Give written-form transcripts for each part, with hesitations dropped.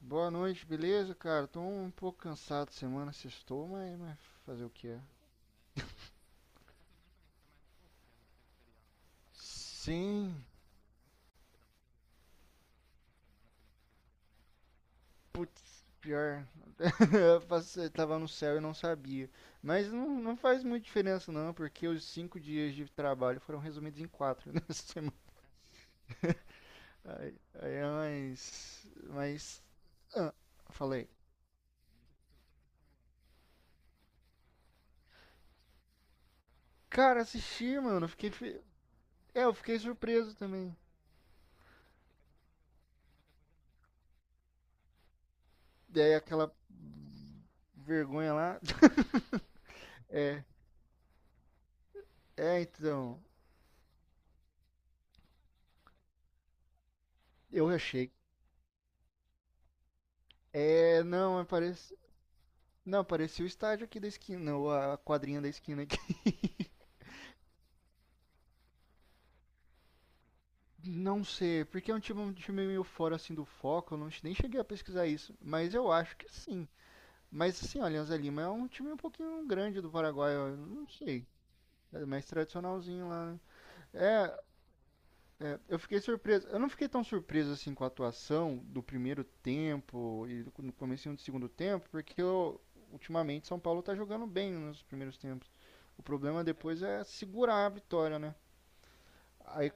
Boa noite, beleza, cara? Tô um pouco cansado semana, sextou, mas fazer o que é? Sim, putz, pior. Tava no céu e não sabia. Mas não, não faz muita diferença não, porque os 5 dias de trabalho foram resumidos em quatro nessa semana. Aí é mais. Mas. Ah, falei. Cara, assisti, mano, eu fiquei. É, eu fiquei surpreso também. Daí aquela vergonha lá. É, então. Eu achei. É, não, mas parece. Não, parecia o estádio aqui da esquina, ou a quadrinha da esquina aqui. Não sei, porque é um time meio fora assim do foco, eu não, nem cheguei a pesquisar isso, mas eu acho que sim. Mas assim, olha, Alianza Lima é um time um pouquinho grande do Paraguai, ó, eu não sei. É mais tradicionalzinho lá, né? É, eu fiquei surpreso. Eu não fiquei tão surpreso assim com a atuação do primeiro tempo e no comecinho do segundo tempo, porque eu, ultimamente São Paulo tá jogando bem nos primeiros tempos. O problema depois é segurar a vitória, né? Aí.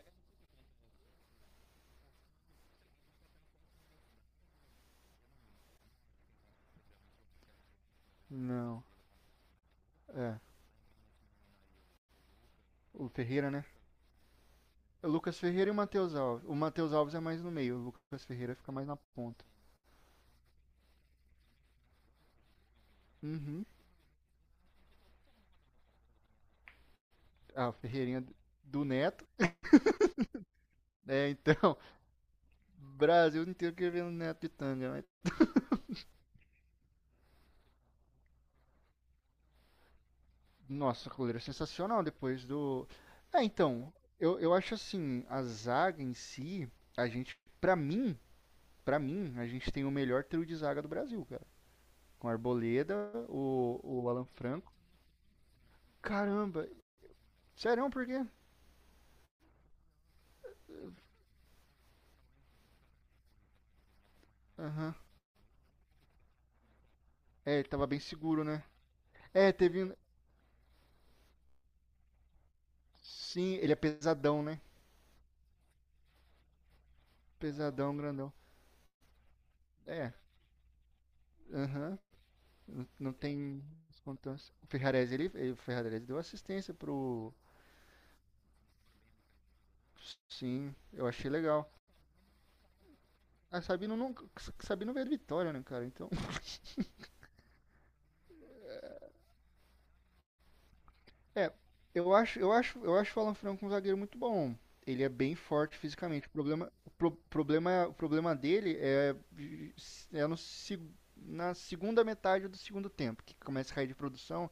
Não, é. O Ferreira, né? O Lucas Ferreira e o Matheus Alves. O Matheus Alves é mais no meio, o Lucas Ferreira fica mais na ponta. Uhum. Ah, o Ferreirinha do Neto. É, então, Brasil inteiro querendo o Neto de tanga. Mas. Nossa, a coleira sensacional depois do. É, então, eu acho assim, a zaga em si, a gente, pra mim, pra mim, a gente tem o melhor trio de zaga do Brasil, cara. Com a Arboleda, o Alan Franco. Caramba, sério, por quê? Aham. É, ele tava bem seguro, né? É, teve, um. Sim, ele é pesadão, né? Pesadão, grandão. É, aham. Não, não tem descontança. O Ferrarese deu assistência pro. Sim, eu achei legal. A Sabino não, Sabino veio de Vitória, né, cara? Então, é, eu acho o Alan Franco um zagueiro muito bom. Ele é bem forte fisicamente. O problema, o pro- problema, o problema dele é no, seg- na segunda metade do segundo tempo, que começa a cair de produção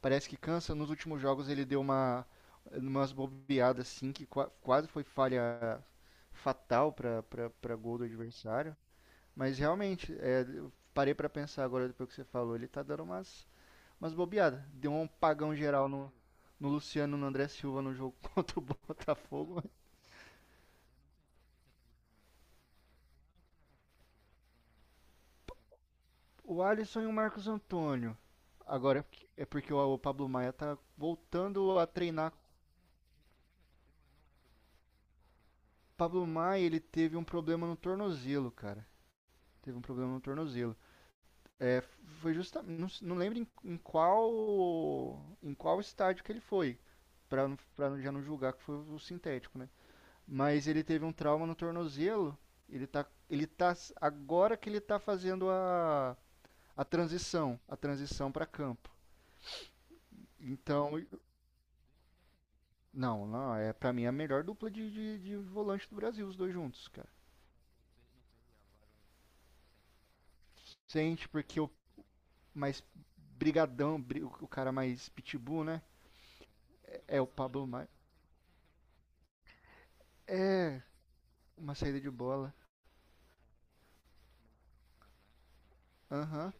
parece que cansa. Nos últimos jogos ele deu umas bobeadas assim que quase foi falha fatal para gol do adversário. Mas realmente, é, eu parei para pensar agora depois que você falou, ele tá dando umas bobeadas. Deu um pagão geral no Luciano, no André Silva no jogo contra o Botafogo. O Alisson e o Marcos Antônio. Agora é porque o Pablo Maia tá voltando a treinar. Pablo Maia, ele teve um problema no tornozelo, cara. Teve um problema no tornozelo. É, foi justamente. Não, não lembro em qual. Em qual estádio que ele foi. Para já não julgar que foi o sintético, né? Mas ele teve um trauma no tornozelo. Ele tá. Ele tá. Agora que ele tá fazendo a. A transição. A transição para campo. Então. Não, não. É pra mim a melhor dupla de volante do Brasil, os dois juntos, cara. Sente, porque o mais brigadão, o cara mais pitbull, né? É o Pablo Maia. Uma saída de bola. Aham.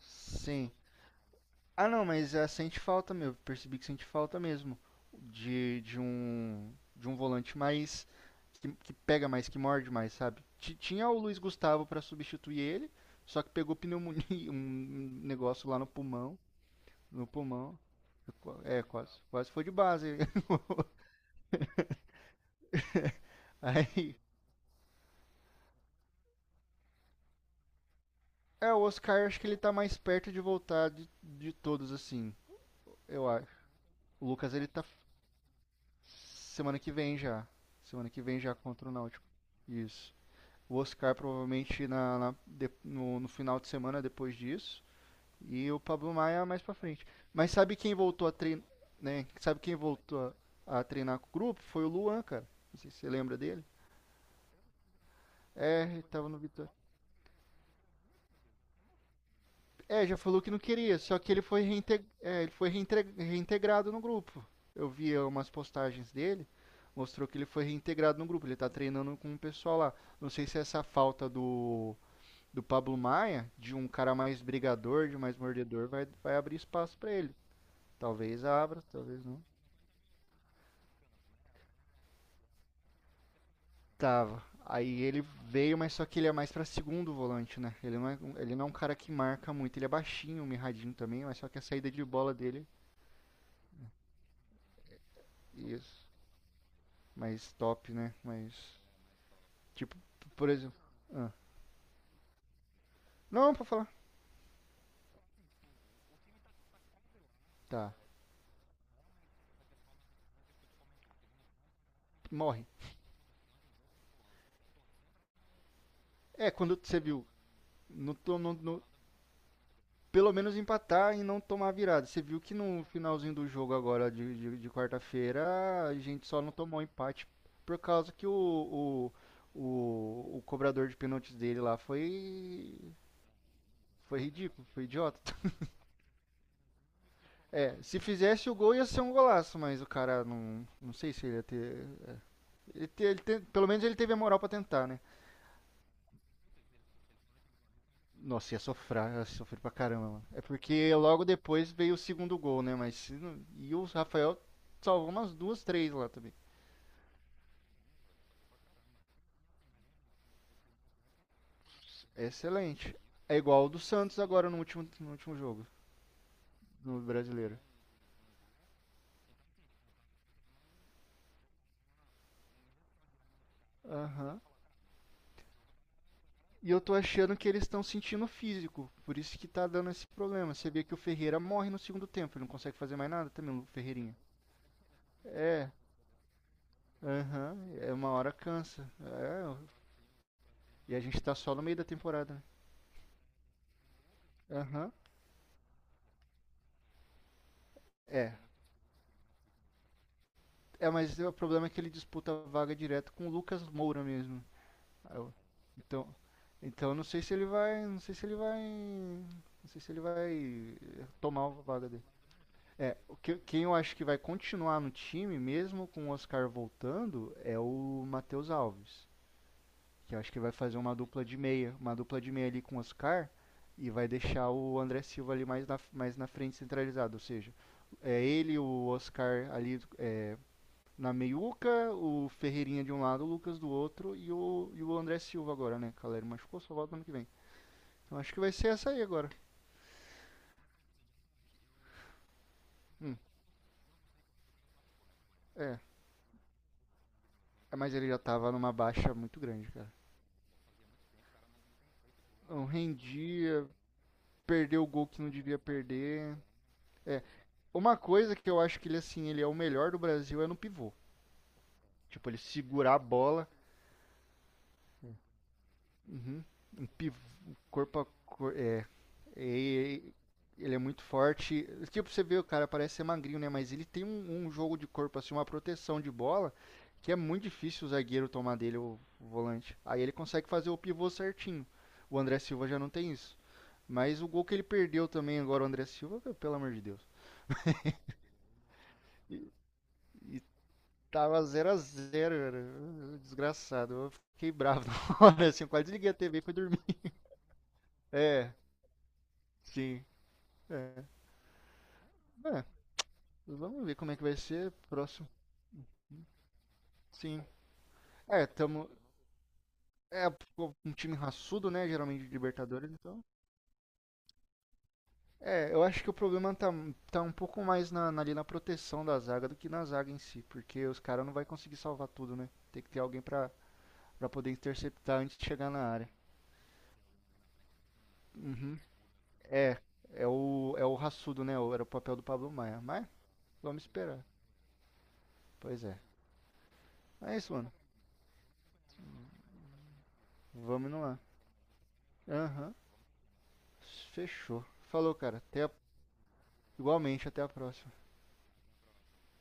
Sim. Ah, não, mas é, sente falta, meu. Percebi que sente falta mesmo. De um volante mais que pega mais, que morde mais, sabe? Tinha o Luiz Gustavo pra substituir ele, só que pegou pneumonia, um negócio lá no pulmão, no pulmão. É, quase, quase foi de base. Aí, é, o Oscar acho que ele tá mais perto de voltar de todos assim, eu acho. O Lucas ele tá semana que vem já. Semana que vem já contra o Náutico. Isso. O Oscar provavelmente no final de semana depois disso e o Pablo Maia mais pra frente. Mas sabe quem voltou a treinar, né? Sabe quem voltou a treinar com o grupo? Foi o Luan, cara. Não sei se você lembra dele. É, ele tava no Vitória. É, já falou que não queria, só que ele foi reintegrado no grupo. Eu vi umas postagens dele, mostrou que ele foi reintegrado no grupo. Ele tá treinando com o pessoal lá. Não sei se é essa falta do Pablo Maia, de um cara mais brigador, de mais mordedor, vai abrir espaço pra ele. Talvez abra, talvez não. Tava. Aí ele veio, mas só que ele é mais pra segundo volante, né? Ele não é um cara que marca muito. Ele é baixinho, mirradinho também, mas só que a saída de bola dele. Isso. Mais top, né? Mas. Tipo, por exemplo. Ah. Não, pra falar. Tá. Morre. É, quando você viu. No, to- no, no, pelo menos empatar e não tomar virada. Você viu que no finalzinho do jogo agora de quarta-feira a gente só não tomou empate por causa que o cobrador de pênaltis dele lá foi ridículo, foi idiota. É, se fizesse o gol ia ser um golaço, mas o cara não. Não sei se ele ia ter. Pelo menos ele teve a moral pra tentar, né? Nossa, ia sofrer pra caramba, mano. É porque logo depois veio o segundo gol, né? Mas se não- e o Rafael salvou umas duas, três lá também. Excelente. É igual o do Santos agora no último jogo, no brasileiro. Aham. E eu tô achando que eles estão sentindo o físico, por isso que tá dando esse problema. Você vê que o Ferreira morre no segundo tempo, ele não consegue fazer mais nada também, o Ferreirinha. É, aham, é uma hora cansa. É, e a gente tá só no meio da temporada, né? Aham. É, É, mas o problema é que ele disputa a vaga direto com o Lucas Moura mesmo. Aí eu- Então, então, não sei se ele vai, não sei se ele vai, não sei se ele vai tomar a vaga dele. É, o que, quem eu acho que vai continuar no time mesmo com o Oscar voltando é o Matheus Alves, que eu acho que vai fazer uma dupla de meia ali com o Oscar e vai deixar o André Silva ali mais na frente centralizado, ou seja, é ele, o Oscar ali, é, na meiuca, o Ferreirinha de um lado, o Lucas do outro e o André Silva agora, né? Caleri machucou, só volta ano que vem. Então acho que vai ser essa aí agora. Hum, é. Ah, mas ele já tava numa baixa muito grande, cara. Não rendia, perdeu o gol que não devia perder. É. Uma coisa que eu acho que ele, assim, ele é o melhor do Brasil é no pivô. Tipo, ele segurar a bola. Uhum. Um corpo a corpo. É. E- ele é muito forte. Tipo, você vê o cara, parece ser magrinho, né? Mas ele tem um jogo de corpo, assim, uma proteção de bola, que é muito difícil o zagueiro tomar dele o volante. Aí ele consegue fazer o pivô certinho. O André Silva já não tem isso. Mas o gol que ele perdeu também agora, o André Silva, meu, pelo amor de Deus. E, e tava 0x0, cara. Desgraçado. Eu fiquei bravo na hora, assim, eu quase desliguei a TV e fui dormir. É, sim. É. É. Vamos ver como é que vai ser. Próximo. Sim. É, tamo. É um time raçudo, né? Geralmente de Libertadores, então. É, eu acho que o problema tá um pouco mais ali na proteção da zaga do que na zaga em si, porque os caras não vai conseguir salvar tudo, né? Tem que ter alguém pra poder interceptar antes de chegar na área. Uhum. É, é o raçudo, né? Era o papel do Pablo Maia. Mas vamos esperar. Pois é. É isso, mano. Vamos indo lá. Aham. Fechou. Falou, cara. Igualmente, até a próxima.